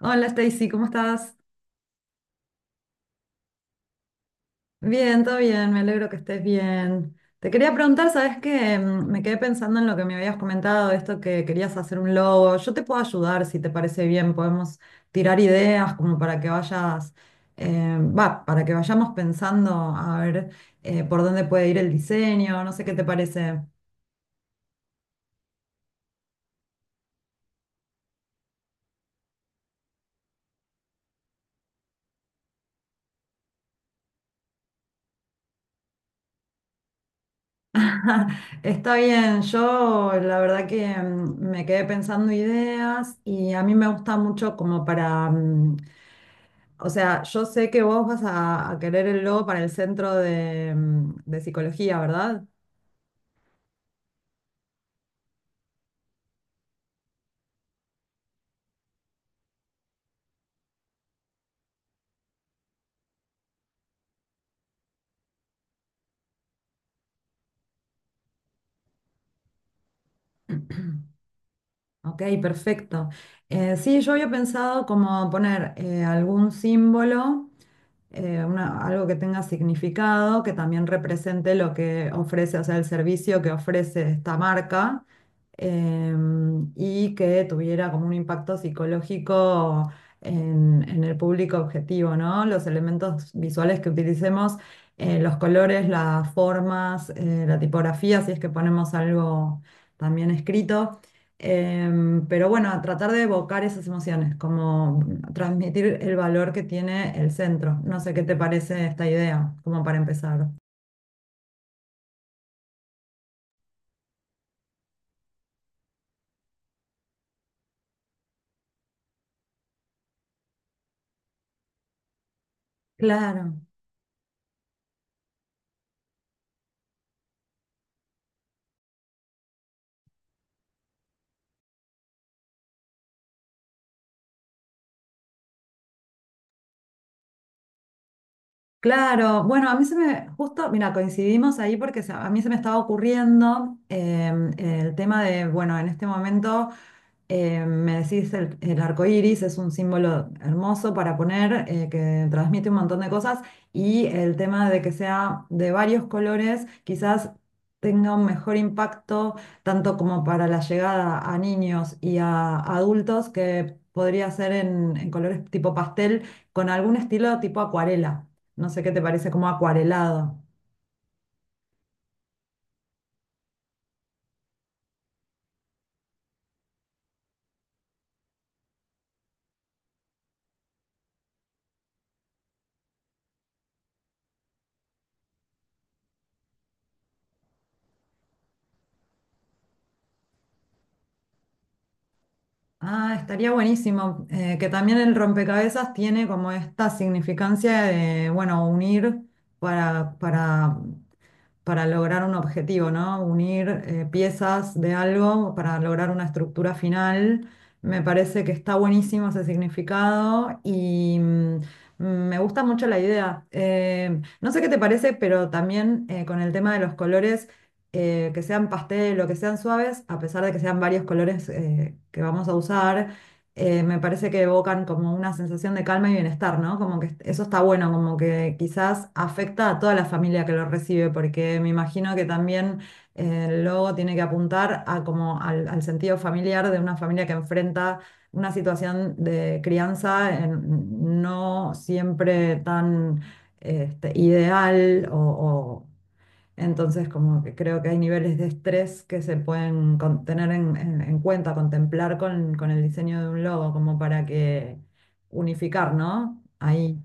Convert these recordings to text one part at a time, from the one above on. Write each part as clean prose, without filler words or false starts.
Hola Stacy, ¿cómo estás? Bien, todo bien, me alegro que estés bien. Te quería preguntar, ¿sabes qué? Me quedé pensando en lo que me habías comentado, esto que querías hacer un logo. Yo te puedo ayudar si te parece bien, podemos tirar ideas como para que vayas, para que vayamos pensando a ver por dónde puede ir el diseño, no sé qué te parece. Está bien, yo la verdad que me quedé pensando ideas y a mí me gusta mucho como para... O sea, yo sé que vos vas a querer el logo para el centro de, de psicología, ¿verdad? Ok, perfecto. Sí, yo había pensado como poner algún símbolo algo que tenga significado, que también represente lo que ofrece, o sea, el servicio que ofrece esta marca, y que tuviera como un impacto psicológico en el público objetivo, ¿no? Los elementos visuales que utilicemos, los colores, las formas, la tipografía, si es que ponemos algo también escrito. Pero bueno, tratar de evocar esas emociones, como transmitir el valor que tiene el centro. No sé qué te parece esta idea, como para empezar. Claro, claro. Bueno, a mí se me, justo, mira, coincidimos ahí porque a mí se me estaba ocurriendo el tema de, bueno, en este momento. Me decís, el arco iris es un símbolo hermoso para poner, que transmite un montón de cosas, y el tema de que sea de varios colores, quizás tenga un mejor impacto, tanto como para la llegada a niños y a adultos, que podría ser en colores tipo pastel, con algún estilo tipo acuarela. No sé qué te parece como acuarelado. Ah, estaría buenísimo, que también el rompecabezas tiene como esta significancia de, bueno, unir para, para, para lograr un objetivo, ¿no? Unir piezas de algo para lograr una estructura final. Me parece que está buenísimo ese significado y, me gusta mucho la idea. No sé qué te parece, pero también con el tema de los colores que sean pastel o que sean suaves, a pesar de que sean varios colores que vamos a usar, me parece que evocan como una sensación de calma y bienestar, ¿no? Como que eso está bueno, como que quizás afecta a toda la familia que lo recibe, porque me imagino que también el logo tiene que apuntar a como al sentido familiar de una familia que enfrenta una situación de crianza no siempre tan este, ideal o entonces, como que creo que hay niveles de estrés que se pueden tener en cuenta, contemplar con el diseño de un logo, como para que unificar, ¿no? Ahí.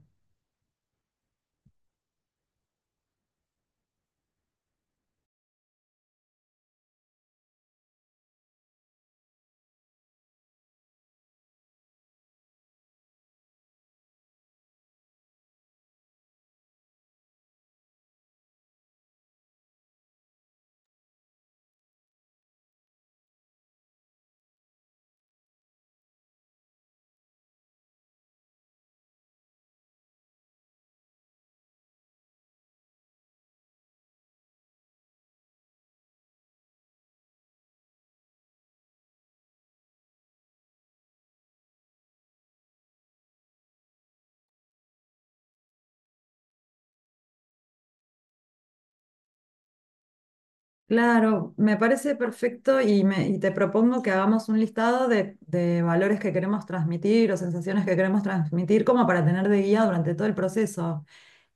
Claro, me parece perfecto y, me, y te propongo que hagamos un listado de valores que queremos transmitir o sensaciones que queremos transmitir como para tener de guía durante todo el proceso.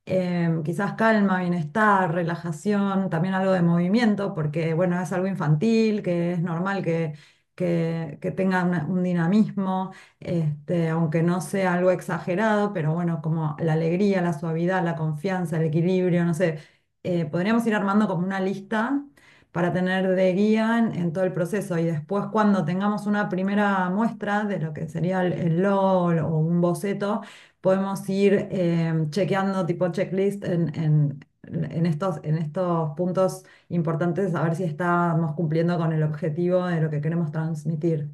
Quizás calma, bienestar, relajación, también algo de movimiento, porque bueno, es algo infantil, que es normal que tenga un dinamismo, este, aunque no sea algo exagerado, pero bueno, como la alegría, la suavidad, la confianza, el equilibrio, no sé. Podríamos ir armando como una lista para tener de guía en todo el proceso. Y después, cuando tengamos una primera muestra de lo que sería el logo o un boceto, podemos ir chequeando tipo checklist en estos puntos importantes, a ver si estamos cumpliendo con el objetivo de lo que queremos transmitir.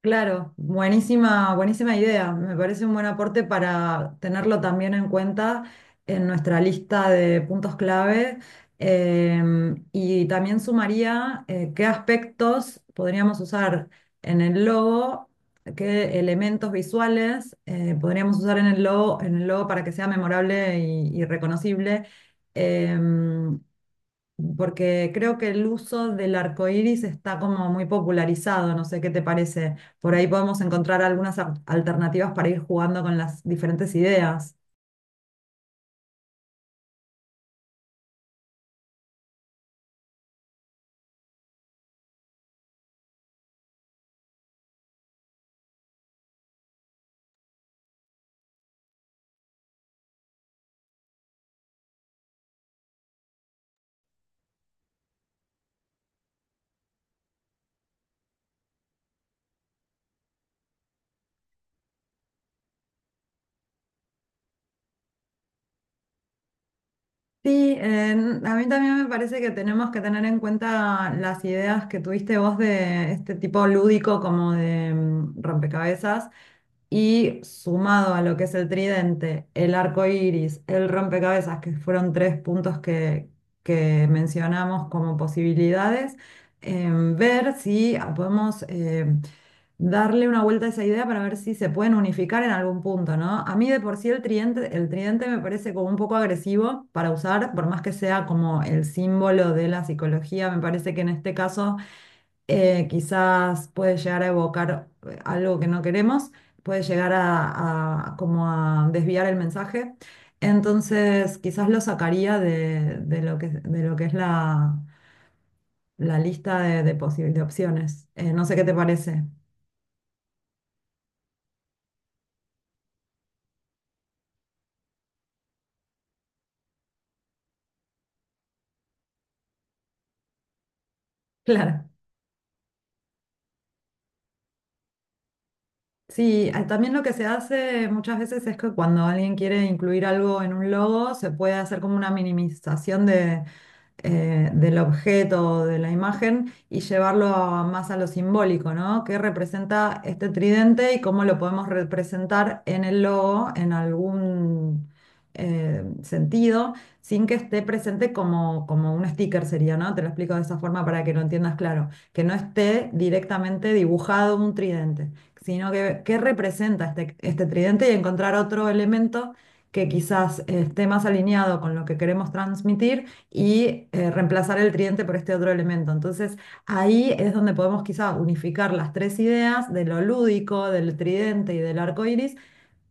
Claro, buenísima, buenísima idea. Me parece un buen aporte para tenerlo también en cuenta en nuestra lista de puntos clave. Y también sumaría qué aspectos podríamos usar en el logo, qué elementos visuales podríamos usar en el logo para que sea memorable y reconocible. Em, Porque creo que el uso del arco iris está como muy popularizado, no sé qué te parece. Por ahí podemos encontrar algunas alternativas para ir jugando con las diferentes ideas. Sí, a mí también me parece que tenemos que tener en cuenta las ideas que tuviste vos de este tipo lúdico como de rompecabezas. Y sumado a lo que es el tridente, el arco iris, el rompecabezas, que fueron tres puntos que mencionamos como posibilidades, ver si podemos darle una vuelta a esa idea para ver si se pueden unificar en algún punto, ¿no? A mí de por sí el tridente me parece como un poco agresivo para usar, por más que sea como el símbolo de la psicología, me parece que en este caso quizás puede llegar a evocar algo que no queremos, puede llegar a como a desviar el mensaje. Entonces, quizás lo sacaría de lo que es la, la lista de, de opciones. No sé qué te parece. Claro. Sí, también lo que se hace muchas veces es que cuando alguien quiere incluir algo en un logo, se puede hacer como una minimización del objeto, de la imagen, y llevarlo más a lo simbólico, ¿no? ¿Qué representa este tridente y cómo lo podemos representar en el logo en algún sentido, sin que esté presente como, como un sticker sería, ¿no? Te lo explico de esa forma para que lo entiendas claro, que no esté directamente dibujado un tridente, sino que qué representa este, este tridente y encontrar otro elemento que quizás esté más alineado con lo que queremos transmitir y reemplazar el tridente por este otro elemento. Entonces, ahí es donde podemos quizá unificar las tres ideas de lo lúdico, del tridente y del arco iris,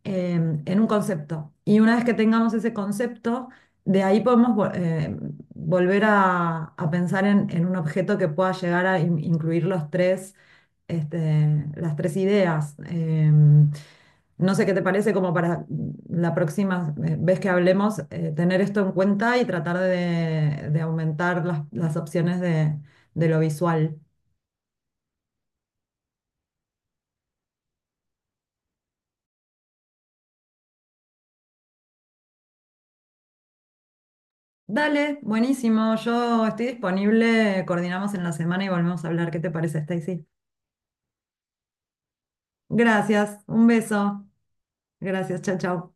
en un concepto. Y una vez que tengamos ese concepto, de ahí podemos volver a pensar en un objeto que pueda llegar a incluir los tres, este, las tres ideas. No sé qué te parece como para la próxima vez que hablemos, tener esto en cuenta y tratar de aumentar las opciones de lo visual. Dale, buenísimo. Yo estoy disponible. Coordinamos en la semana y volvemos a hablar. ¿Qué te parece, Stacy? Gracias. Un beso. Gracias. Chao, chao.